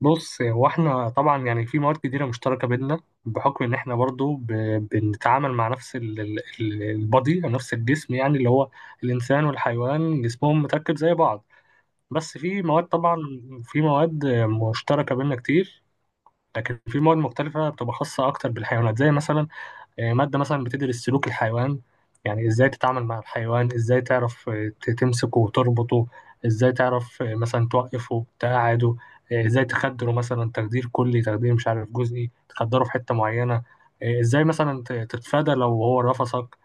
بص هو احنا طبعا يعني في مواد كتيرة مشتركة بينا بحكم ان احنا برضو بنتعامل مع نفس البادي او نفس الجسم، يعني اللي هو الانسان والحيوان جسمهم متركب زي بعض. بس في مواد طبعا، في مواد مشتركة بينا كتير، لكن في مواد مختلفة بتبقى خاصة اكتر بالحيوانات، زي مثلا مادة مثلا بتدرس سلوك الحيوان، يعني ازاي تتعامل مع الحيوان، ازاي تعرف تمسكه وتربطه، ازاي تعرف مثلا توقفه تقعده، ازاي تخدره مثلا، تخدير كلي تخدير مش عارف جزئي، تخدره في حتة معينة، ازاي مثلا تتفادى لو هو رفسك،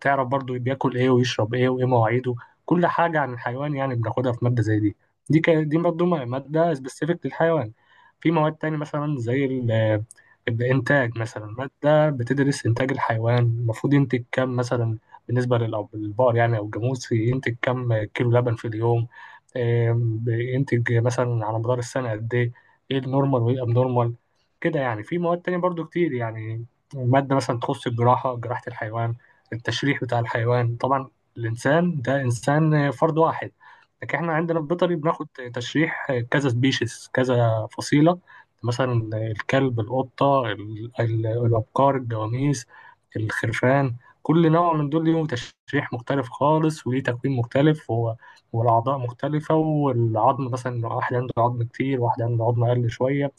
تعرف برضو بياكل ايه ويشرب ايه وايه مواعيده. كل حاجة عن الحيوان يعني بناخدها في مادة زي دي. دي برضو مادة سبيسيفيك للحيوان. في مواد تاني مثلا زي الإنتاج، مثلا مادة بقى بتدرس إنتاج الحيوان، المفروض ينتج كام مثلا؟ بالنسبة للبقر يعني أو الجاموس، ينتج كام كيلو لبن في اليوم، بينتج مثلا على مدار السنة قد إيه، إيه النورمال وإيه الأبنورمال؟ كده يعني. في مواد تانية برضو كتير يعني، مادة مثلا تخص الجراحة، جراحة الحيوان، التشريح بتاع الحيوان طبعا. الإنسان ده إنسان فرد واحد، لكن إحنا عندنا في بيطري بناخد تشريح كذا سبيشيز، كذا فصيلة، مثلا الكلب، القطة، الأبقار، الجواميس، الخرفان. كل نوع من دول ليهم تشريح مختلف خالص، وليه تكوين مختلف والأعضاء مختلفة، والعظم مثلا، واحد عنده عظم كتير، واحد عنده عظم أقل شوية.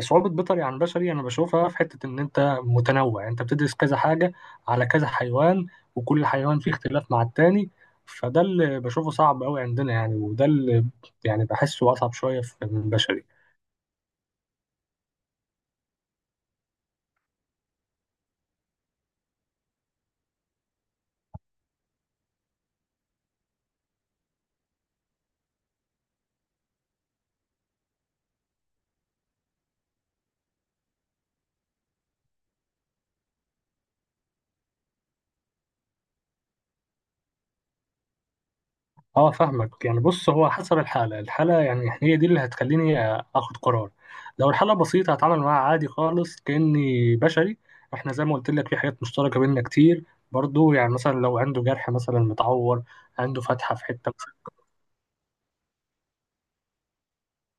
فصعوبة بيطري عن بشري أنا بشوفها في حتة إن أنت متنوع، يعني أنت بتدرس كذا حاجة على كذا حيوان، وكل حيوان فيه اختلاف مع التاني، فده اللي بشوفه صعب أوي عندنا يعني، وده اللي يعني بحسه أصعب شوية من بشري. اه فاهمك، يعني بص هو حسب الحالة، الحالة يعني هي دي اللي هتخليني اخد قرار. لو الحالة بسيطة هتعامل معاها عادي خالص كأني بشري، احنا زي ما قلت لك في حاجات مشتركة بيننا كتير، برضو يعني مثلا لو عنده جرح مثلا متعور، عنده فتحة في حتة مثلاً-.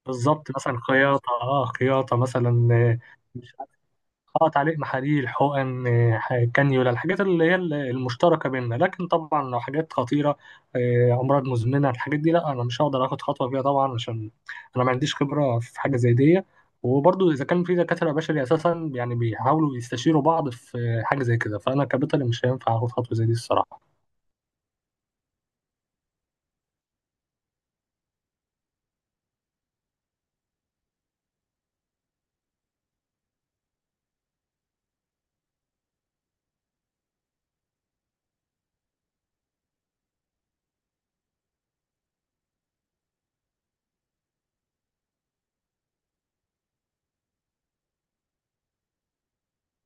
بالظبط، مثلا خياطة، خياطة مثلا. آه، اه تعليق محاليل، حقن، كانيولا، الحاجات اللي هي المشتركه بيننا، لكن طبعا لو حاجات خطيره، امراض مزمنه، الحاجات دي لا، انا مش هقدر اخد خطوه فيها طبعا، عشان انا ما عنديش خبره في حاجه زي دي. وبرضه اذا كان في دكاتره بشري اساسا يعني بيحاولوا يستشيروا بعض في حاجه زي كده، فانا كبيطري مش هينفع اخد خطوه زي دي الصراحه.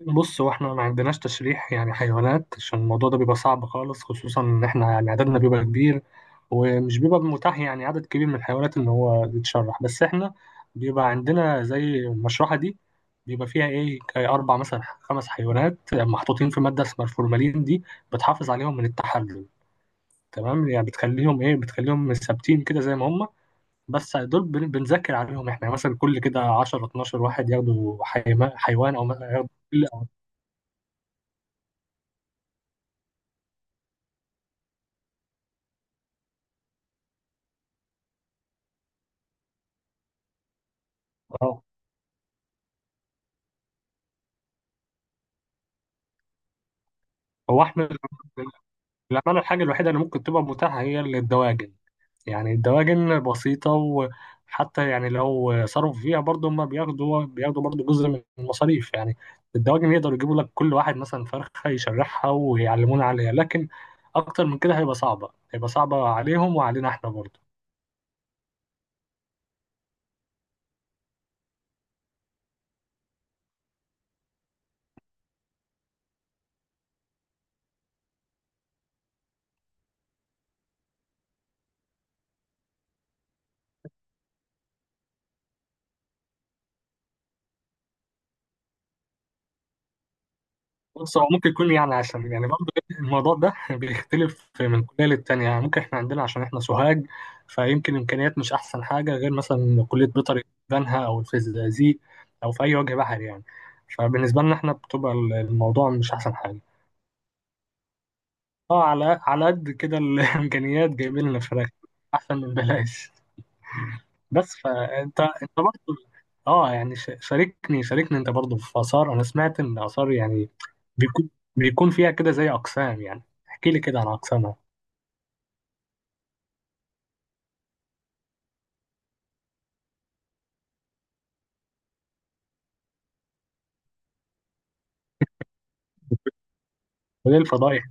بص هو احنا ما عندناش تشريح يعني حيوانات، عشان الموضوع ده بيبقى صعب خالص، خصوصا ان احنا يعني عددنا بيبقى كبير، ومش بيبقى متاح يعني عدد كبير من الحيوانات ان هو يتشرح. بس احنا بيبقى عندنا زي المشرحة دي، بيبقى فيها ايه كي اربع مثلا خمس حيوانات محطوطين في مادة اسمها الفورمالين، دي بتحافظ عليهم من التحلل، تمام، يعني بتخليهم بتخليهم ثابتين كده زي ما هم. بس دول بنذاكر عليهم احنا يعني، مثلا كل كده 10 12 واحد ياخدوا حيوان، او مثلا ياخدوا هو احمد، للأمانة الحاجة الوحيدة اللي ممكن تبقى متاحة هي الدواجن. يعني الدواجن بسيطة، وحتى يعني لو صرفوا فيها برضه، هما بياخدوا برضه جزء من المصاريف يعني. الدواجن يقدروا يجيبوا لك كل واحد مثلا فرخة يشرحها ويعلمونا عليها، لكن أكتر من كده هيبقى صعبة، هيبقى صعبة عليهم وعلينا احنا برضه. بص هو ممكن يكون، يعني عشان يعني برضه الموضوع ده بيختلف من كلية للتانية، يعني ممكن احنا عندنا عشان احنا سوهاج، فيمكن إمكانيات مش أحسن حاجة، غير مثلا كلية بيطري بنها أو الفيزيازيق أو في أي وجه بحري يعني. فبالنسبة لنا احنا بتبقى الموضوع مش أحسن حاجة. اه، على قد كده الإمكانيات جايبين لنا فراخ، أحسن من بلاش. بس فانت برضه، اه يعني شاركني انت برضه في آثار، انا سمعت ان آثار يعني بيكون بيكون فيها كده زي اقسام يعني، احكي لي كده عن اقسامها، وليه الفضائح.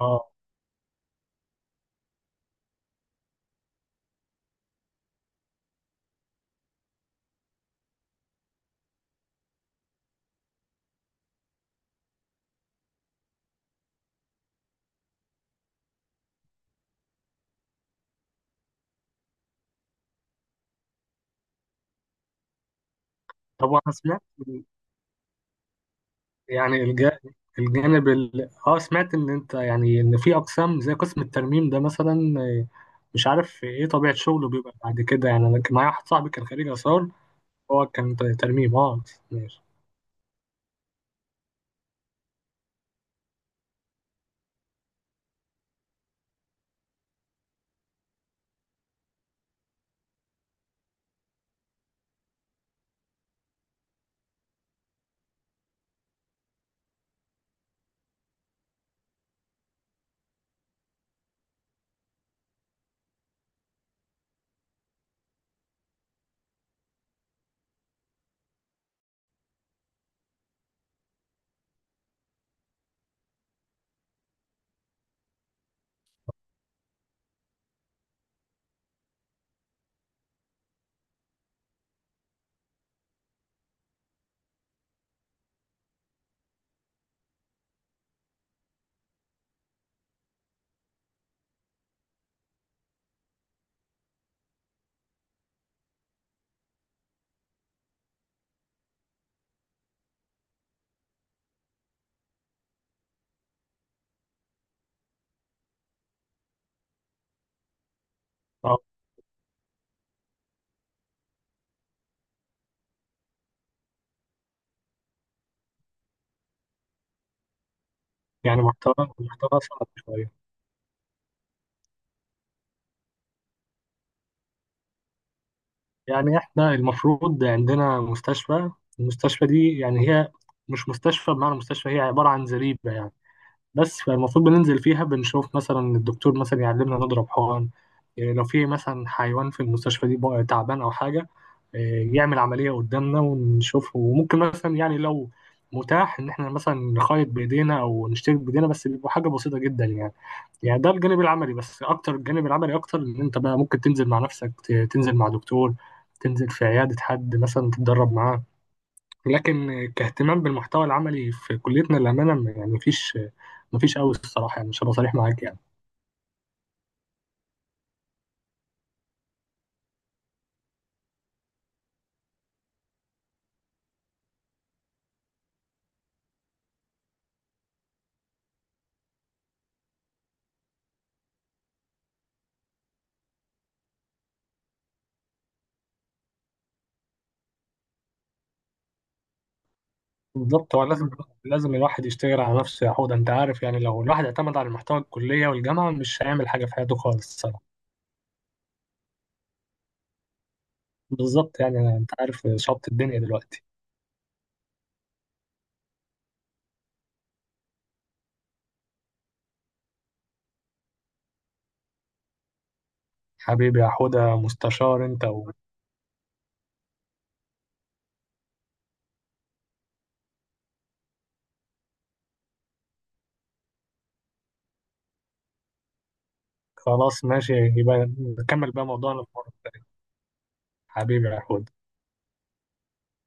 اه طب انا سمعت، يعني الج- الجانب ال... اه سمعت ان انت يعني ان في اقسام زي قسم الترميم ده مثلا، مش عارف ايه طبيعة شغله بيبقى بعد كده، يعني انا كان معايا واحد صاحبي كان خريج آثار، هو كان ترميم. اه ماشي. اه يعني محتوى صعب شوية. يعني احنا المفروض عندنا مستشفى، المستشفى دي يعني هي مش مستشفى بمعنى مستشفى، هي عبارة عن زريبة يعني، بس فالمفروض بننزل فيها، بنشوف مثلا الدكتور مثلا يعلمنا نضرب حقن، لو في مثلا حيوان في المستشفى دي بقى تعبان او حاجة، يعمل عملية قدامنا ونشوفه، وممكن مثلا يعني لو متاح ان احنا مثلا نخيط بايدينا او نشترك بايدينا، بس بيبقى حاجة بسيطة جدا يعني. يعني ده الجانب العملي، بس اكتر، الجانب العملي اكتر ان انت بقى ممكن تنزل مع نفسك، تنزل مع دكتور، تنزل في عيادة حد مثلا تتدرب معاه، لكن كاهتمام بالمحتوى العملي في كليتنا للأمانة يعني مفيش قوي الصراحة يعني، مش هبقى صريح معاك يعني. بالظبط، هو لازم الواحد يشتغل على نفسه يا حوده، انت عارف يعني لو الواحد اعتمد على المحتوى الكلية والجامعة مش هيعمل حاجة في حياته خالص الصراحة. بالظبط، يعني انت عارف شط الدنيا دلوقتي. حبيبي يا حوده، مستشار انت. خلاص ماشي، يبقى نكمل بقى موضوعنا في مرة تانية. حبيبي يا حود.